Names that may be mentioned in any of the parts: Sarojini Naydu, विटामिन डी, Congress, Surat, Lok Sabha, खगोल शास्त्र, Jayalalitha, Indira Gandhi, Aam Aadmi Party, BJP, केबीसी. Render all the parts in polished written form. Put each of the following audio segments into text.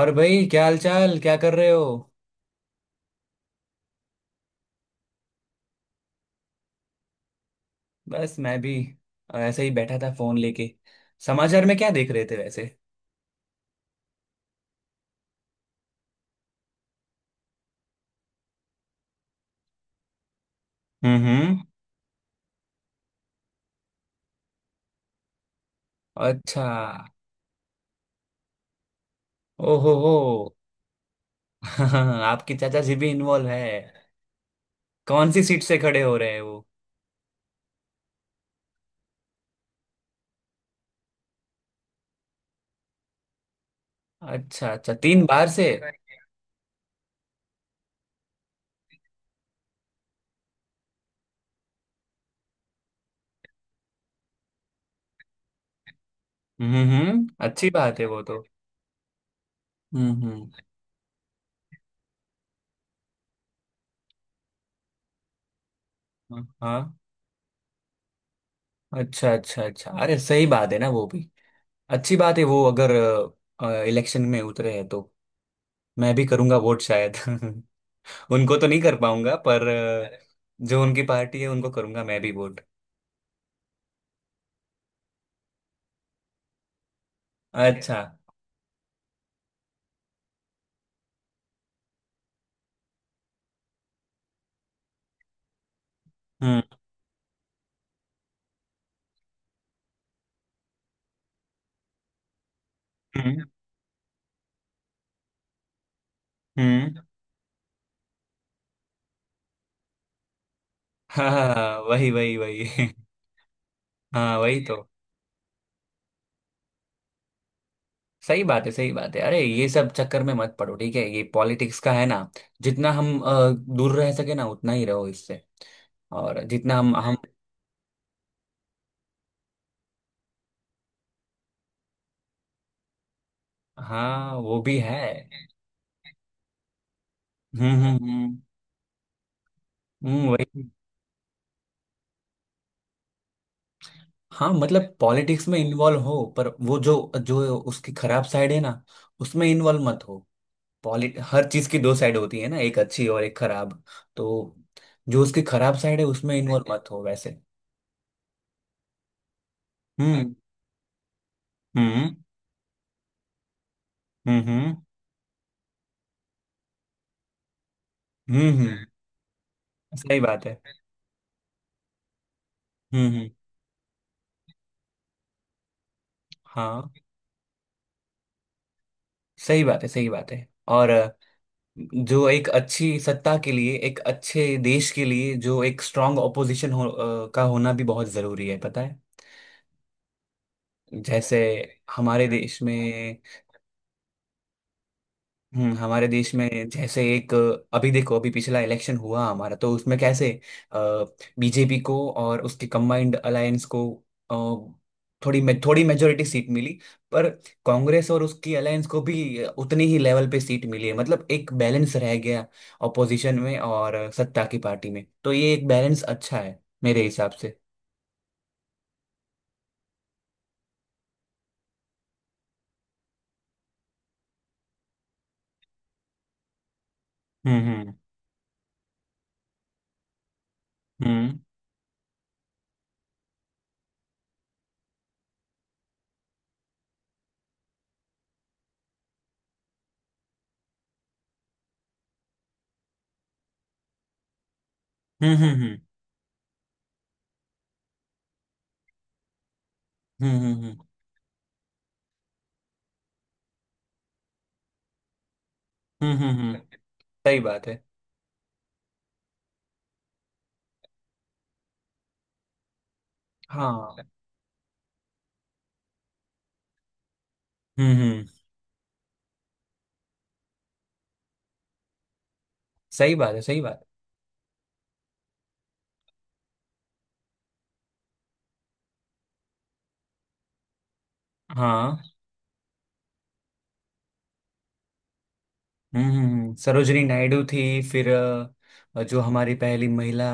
और भाई, क्या हाल चाल, क्या कर रहे हो? बस मैं भी ऐसे ही बैठा था, फोन लेके। समाचार में क्या देख रहे थे वैसे? हम्म। अच्छा। ओहो हो। आपकी चाचा जी भी इन्वॉल्व है? कौन सी सीट से खड़े हो रहे हैं वो? अच्छा अच्छा, तीन बार से। हम्म, अच्छी बात है वो तो। हम्म हाँ। अच्छा अच्छा अच्छा, अरे सही बात है ना वो भी। अच्छी बात है, वो अगर इलेक्शन में उतरे हैं तो मैं भी करूंगा वोट शायद। उनको तो नहीं कर पाऊंगा पर अरे, जो उनकी पार्टी है उनको करूंगा मैं भी वोट। अरे अच्छा। हम्म हम्म हम्म। हाँ हाँ हाँ, वही वही वही। हाँ वही तो। सही बात है सही बात है, अरे ये सब चक्कर में मत पड़ो, ठीक है। ये पॉलिटिक्स का है ना। जितना हम दूर रह सके ना, उतना ही रहो इससे। और जितना हम। हाँ वो भी है। हम्म हम्म हम्म वही। हाँ मतलब पॉलिटिक्स में इन्वॉल्व हो, पर वो जो जो उसकी खराब साइड है ना, उसमें इन्वॉल्व मत हो। पॉलिट हर चीज की दो साइड होती है ना, एक अच्छी और एक खराब। तो जो उसकी खराब साइड है, उसमें इन्वॉल्व मत हो वैसे। हम्म हम्म हम्म हम्म हम्म हम्म, सही बात है। हम्म हम्म हाँ, सही बात है सही बात है। और जो एक अच्छी सत्ता के लिए, एक अच्छे देश के लिए, जो एक स्ट्रांग ऑपोजिशन हो, का होना भी बहुत जरूरी है, पता है। जैसे हमारे देश में। हम्म, हमारे देश में जैसे एक अभी देखो, अभी पिछला इलेक्शन हुआ हमारा, तो उसमें कैसे बीजेपी को और उसके कंबाइंड अलायंस को अ, थोड़ी थोड़ी मेजोरिटी सीट मिली, पर कांग्रेस और उसकी अलायंस को भी उतनी ही लेवल पे सीट मिली है, मतलब एक बैलेंस रह गया ऑपोजिशन में और सत्ता की पार्टी में। तो ये एक बैलेंस अच्छा है मेरे हिसाब से। हम्म हम्म हम्म हम्म हम्म हम्म हम्म हम्म हम्म हम्म, हम्म, सही बात है। हाँ हम्म, सही बात है सही बात है। हाँ सरोजनी नायडू थी, फिर जो हमारी पहली महिला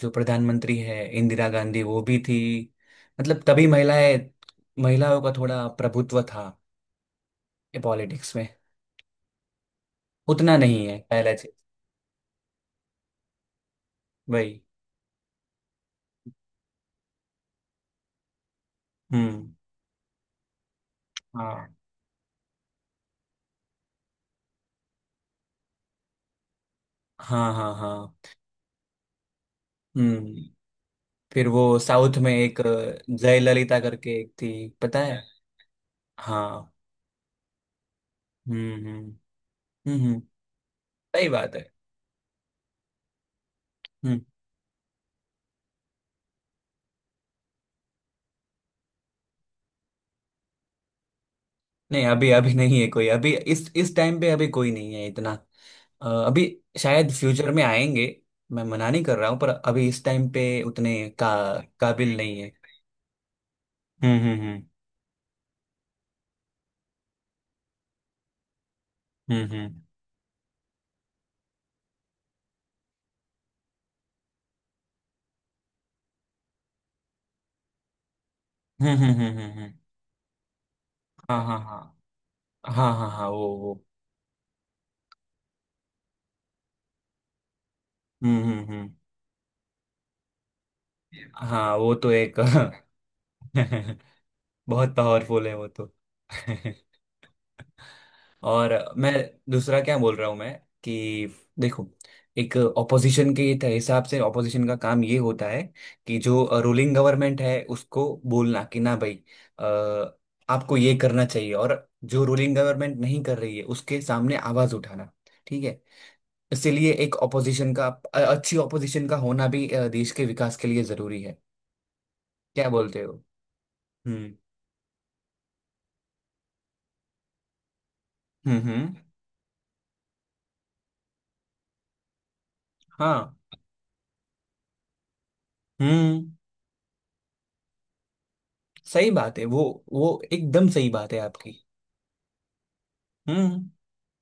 जो प्रधानमंत्री है, इंदिरा गांधी, वो भी थी। मतलब तभी महिलाएं, महिलाओं का थोड़ा प्रभुत्व था पॉलिटिक्स में। उतना नहीं है पहले से। वही। हम्म। हाँ हाँ हाँ हाँ। हम्म। फिर वो साउथ में एक जयललिता करके एक थी, पता है। हाँ, हम्म हम्म हम्म हम्म, सही बात है। हम्म। नहीं, अभी अभी नहीं है कोई, अभी इस टाइम पे अभी कोई नहीं है इतना। अभी शायद फ्यूचर में आएंगे। मैं मना नहीं कर रहा हूँ, पर अभी इस टाइम पे उतने का काबिल नहीं है। हम्म हम्म हम्म हम्म हम्म हम्म हम्म हम्म हम्म, हम्म। हाँ हाँ हाँ हाँ, हाँ हाँ वो। हम्म। हाँ वो तो एक। बहुत पावरफुल है वो तो। और मैं दूसरा क्या बोल रहा हूँ मैं कि, देखो, एक ऑपोजिशन के हिसाब से ऑपोजिशन का काम ये होता है कि जो रूलिंग गवर्नमेंट है उसको बोलना कि ना भाई, अ, आपको ये करना चाहिए, और जो रूलिंग गवर्नमेंट नहीं कर रही है उसके सामने आवाज उठाना, ठीक है। इसीलिए एक ऑपोजिशन का अच्छी ऑपोजिशन का होना भी देश के विकास के लिए जरूरी है। क्या बोलते हो? हम्म हम्म। हाँ हम्म, सही बात है वो एकदम सही बात है आपकी। हम्म।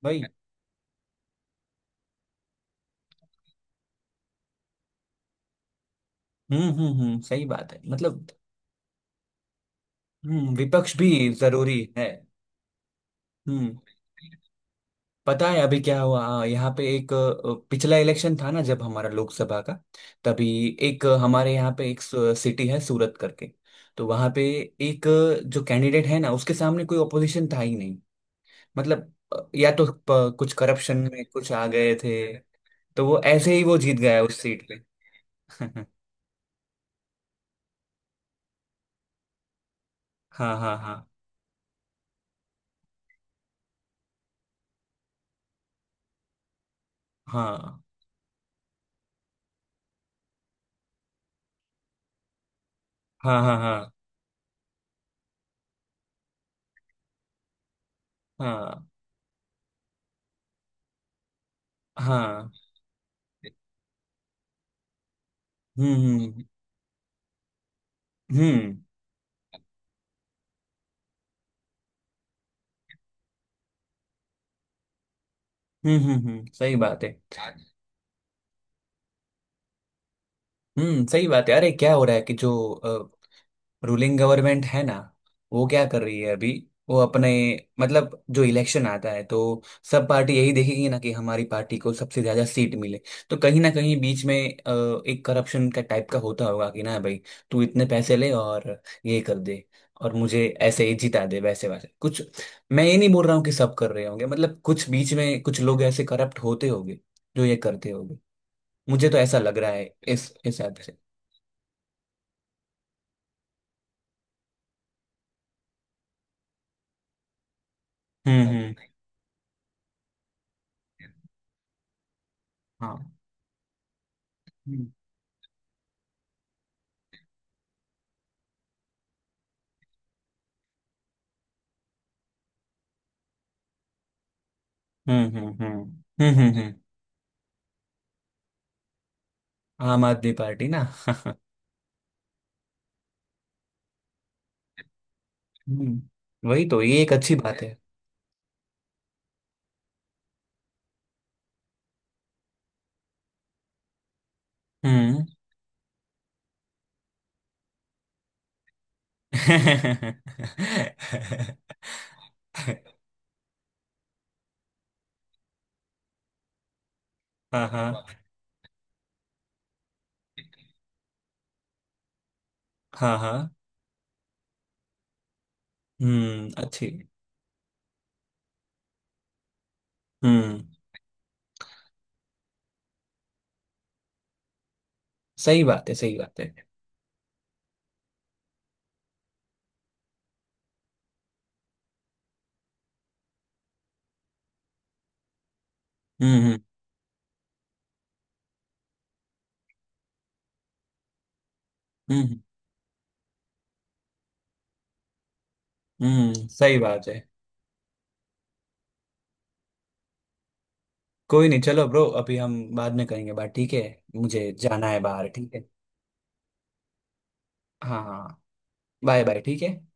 भाई हम्म, सही बात है, मतलब विपक्ष भी जरूरी है। हम्म, पता है अभी क्या हुआ? हाँ, यहाँ पे एक पिछला इलेक्शन था ना जब हमारा लोकसभा का, तभी एक हमारे यहाँ पे एक सिटी है सूरत करके। तो वहाँ पे एक जो कैंडिडेट है ना, उसके सामने कोई ऑपोजिशन था ही नहीं। मतलब या तो कुछ करप्शन में कुछ आ गए थे, तो वो ऐसे ही वो जीत गया उस सीट पे। हाँ हाँ हाँ हाँ, हाँ हाँ हाँ हाँ हाँ हाँ। हम्म हम्म हम्म सही बात है। सही बात है, अरे क्या हो रहा है कि जो रूलिंग गवर्नमेंट है ना, वो क्या कर रही है अभी? वो अपने, मतलब जो इलेक्शन आता है तो सब पार्टी यही देखेगी ना कि हमारी पार्टी को सबसे ज्यादा सीट मिले, तो कहीं ना कहीं बीच में एक करप्शन का टाइप का होता होगा कि ना भाई, तू इतने पैसे ले और ये कर दे और मुझे ऐसे ही जिता दे, वैसे वैसे कुछ। मैं ये नहीं बोल रहा हूँ कि सब कर रहे होंगे, मतलब कुछ बीच में कुछ लोग ऐसे करप्ट होते होंगे जो ये करते होंगे, मुझे तो ऐसा लग रहा है इस ऐप से। हम्म। हाँ हम्म हम्म हम्म हम्म हम्म हम्म। आम आदमी पार्टी ना। वही तो, ये एक अच्छी बात है। हम्म। हाँ हाँ हाँ हाँ। अच्छी। हम्म, सही बात है सही बात है। हम्म हम्म हम्म हम्म, सही बात है। कोई नहीं, चलो ब्रो, अभी हम बाद में करेंगे बात, ठीक है। मुझे जाना है बाहर, ठीक है। हाँ हाँ हाँ। बाय बाय, ठीक है।